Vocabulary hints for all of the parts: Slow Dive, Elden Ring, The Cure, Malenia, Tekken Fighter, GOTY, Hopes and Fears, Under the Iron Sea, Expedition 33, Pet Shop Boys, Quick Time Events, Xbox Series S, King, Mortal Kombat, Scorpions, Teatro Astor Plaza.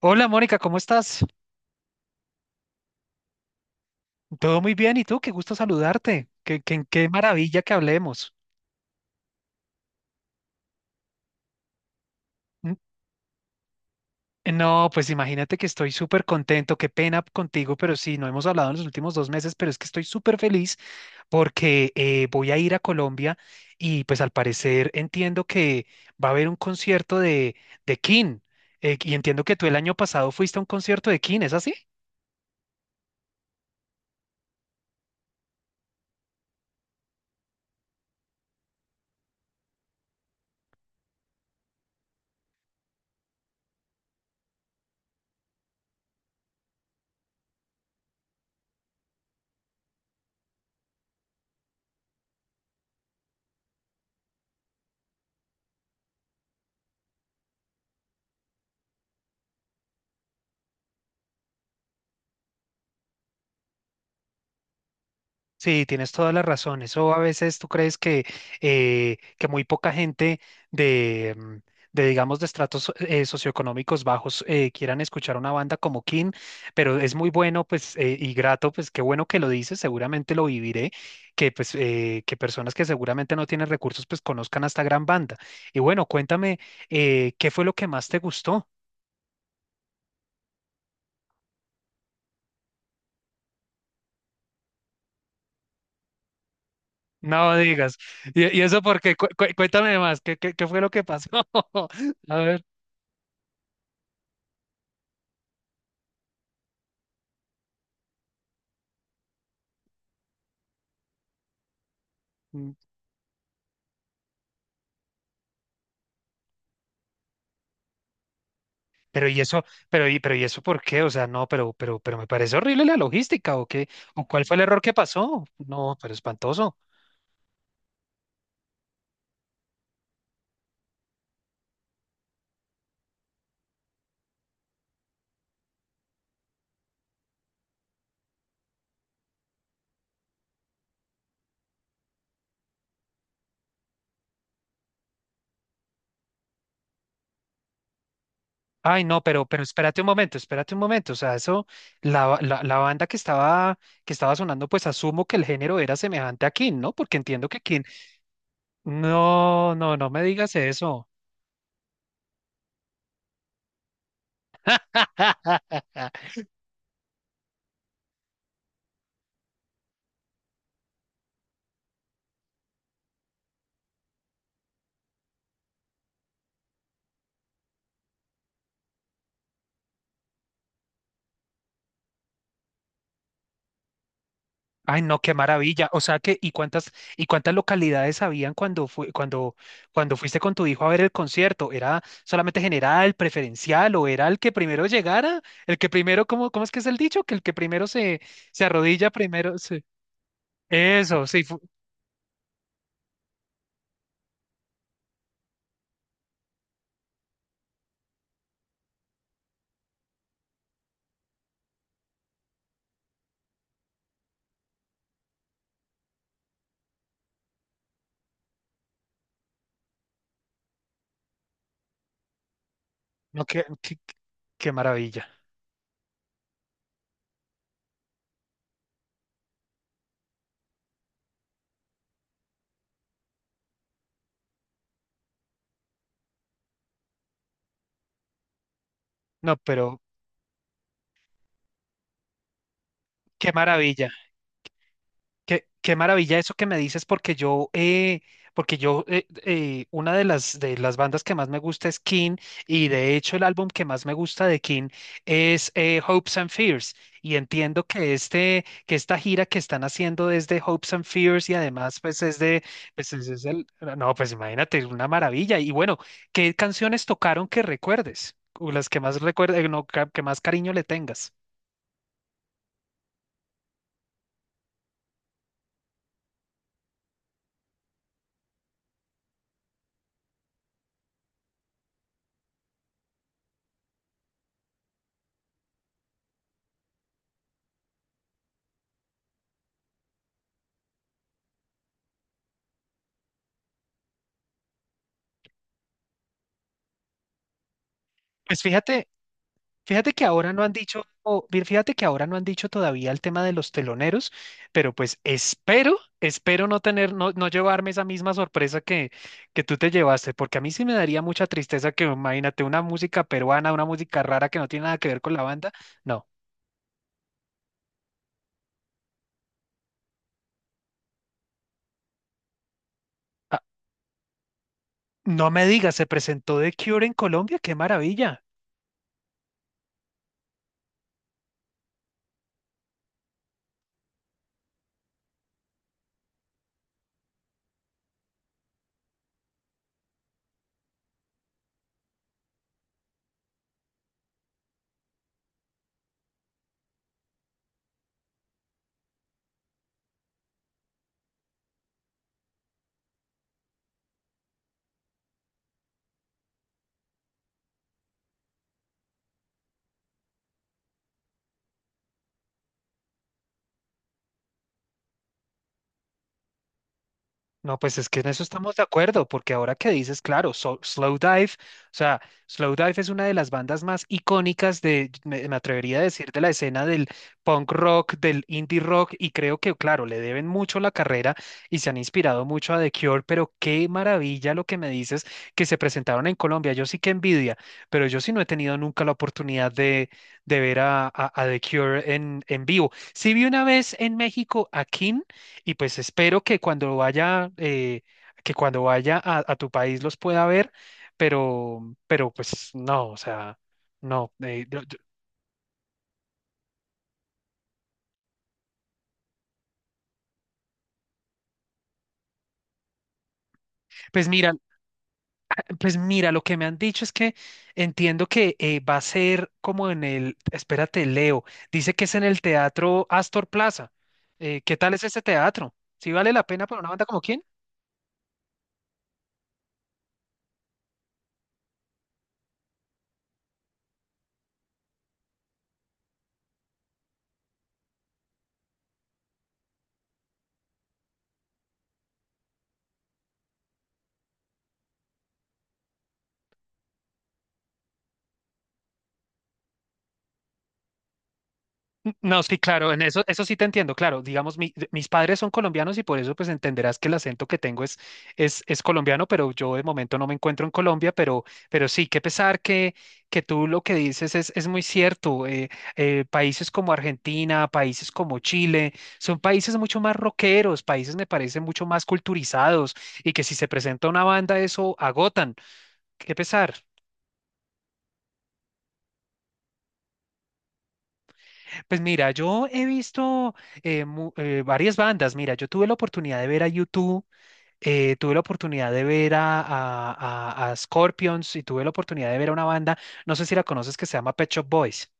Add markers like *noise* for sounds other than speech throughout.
Hola Mónica, ¿cómo estás? Todo muy bien, ¿y tú? Qué gusto saludarte. Qué maravilla que hablemos. Mm, no, pues imagínate que estoy súper contento, qué pena contigo, pero sí, no hemos hablado en los últimos dos meses, pero es que estoy súper feliz porque voy a ir a Colombia y pues al parecer entiendo que va a haber un concierto de King, y entiendo que tú el año pasado fuiste a un concierto de King, ¿es así? Sí, tienes toda la razón. Eso a veces tú crees que muy poca gente de, mm, de digamos, de estratos socioeconómicos bajos quieran escuchar una banda como King, pero es muy bueno, pues, y grato, pues, qué bueno que lo dices, seguramente lo viviré, que, pues, que personas que seguramente no tienen recursos, pues, conozcan a esta gran banda. Y bueno, cuéntame, ¿qué fue lo que más te gustó? No digas. Y eso porque, cuéntame más, ¿qué fue lo que pasó? *laughs* A ver. Pero y eso, pero y eso ¿por qué? O sea, no, pero me parece horrible la logística, ¿o qué? ¿O cuál fue el error que pasó? No, pero espantoso. Ay, no, pero espérate un momento, espérate un momento. O sea, eso, la banda que estaba sonando, pues asumo que el género era semejante a King, ¿no? Porque entiendo que King. No me digas eso. *laughs* Ay, no, qué maravilla. O sea que, ¿y cuántas localidades habían cuando fue, cuando, cuando fuiste con tu hijo a ver el concierto? ¿Era solamente general, preferencial, o era el que primero llegara? El que primero, ¿cómo es que es el dicho? Que el que primero se, se arrodilla primero. Eso, sí, no, qué maravilla. No, pero qué maravilla. Qué maravilla eso que me dices, porque yo, una de las bandas que más me gusta es King, y de hecho el álbum que más me gusta de King es Hopes and Fears, y entiendo que que esta gira que están haciendo es de Hopes and Fears, y además pues es de, pues es el, no, pues imagínate, una maravilla, y bueno, ¿qué canciones tocaron que recuerdes? O las que más recuerdes, no, que más cariño le tengas. Pues fíjate, fíjate que ahora no han dicho, o bien, fíjate que ahora no han dicho todavía el tema de los teloneros, pero pues espero, espero no tener, no llevarme esa misma sorpresa que tú te llevaste, porque a mí sí me daría mucha tristeza que, imagínate, una música peruana, una música rara que no tiene nada que ver con la banda. No, ah, no me digas, se presentó The Cure en Colombia, qué maravilla. No, pues es que en eso estamos de acuerdo, porque ahora que dices, claro, Slow Dive, o sea, Slow Dive es una de las bandas más icónicas de, me atrevería a decir, de la escena del punk rock, del indie rock, y creo que, claro, le deben mucho la carrera y se han inspirado mucho a The Cure, pero qué maravilla lo que me dices que se presentaron en Colombia. Yo sí que envidia, pero yo sí no he tenido nunca la oportunidad de ver a The Cure en vivo. Sí vi una vez en México a King y pues espero que cuando vaya a tu país los pueda ver, pero pues no, o sea, no. Pues mira, pues mira, lo que me han dicho es que entiendo que va a ser como en el, espérate, Leo, dice que es en el Teatro Astor Plaza. ¿Qué tal es este teatro? ¿Sí vale la pena para una banda como quién? No, sí, claro, en eso, eso sí te entiendo, claro. Digamos, mis padres son colombianos y por eso pues entenderás que el acento que tengo es colombiano, pero yo de momento no me encuentro en Colombia, pero sí, qué pesar que tú lo que dices es muy cierto. Países como Argentina, países como Chile, son países mucho más rockeros, países me parecen mucho más culturizados y que si se presenta una banda eso agotan. Qué pesar. Pues mira, yo he visto varias bandas. Mira, yo tuve la oportunidad de ver a YouTube, tuve la oportunidad de ver a Scorpions y tuve la oportunidad de ver a una banda, no sé si la conoces, que se llama Pet Shop Boys.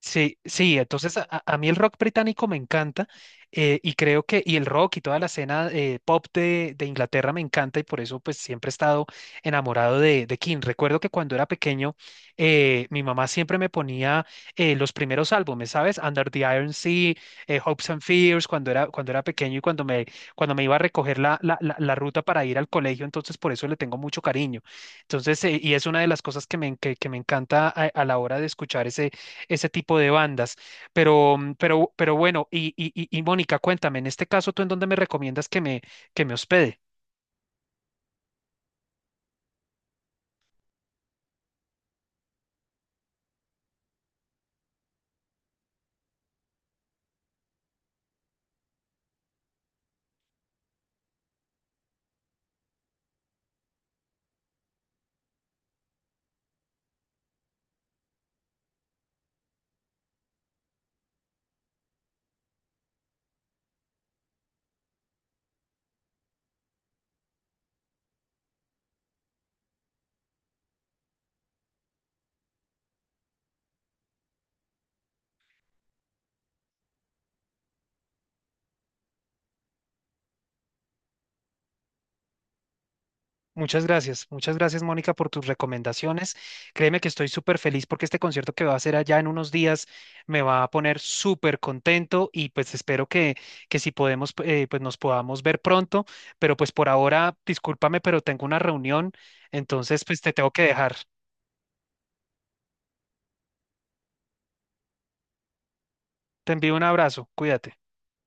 Sí, sí, entonces a mí el rock británico me encanta, y creo que, y el rock y toda la escena pop de Inglaterra me encanta y por eso pues siempre he estado enamorado de King. Recuerdo que cuando era pequeño mi mamá siempre me ponía, los primeros álbumes, ¿sabes? Under the Iron Sea, Hopes and Fears, cuando era pequeño y cuando me iba a recoger la ruta para ir al colegio, entonces por eso le tengo mucho cariño. Entonces, y es una de las cosas que me encanta a la hora de escuchar ese tipo de bandas. Pero, mm, pero bueno, y Mónica, cuéntame, en este caso, ¿tú en dónde me recomiendas que me hospede? Muchas gracias Mónica por tus recomendaciones. Créeme que estoy súper feliz porque este concierto que va a hacer allá en unos días me va a poner súper contento y pues espero que si podemos, pues nos podamos ver pronto, pero pues por ahora, discúlpame, pero tengo una reunión, entonces pues te tengo que dejar. Te envío un abrazo, cuídate.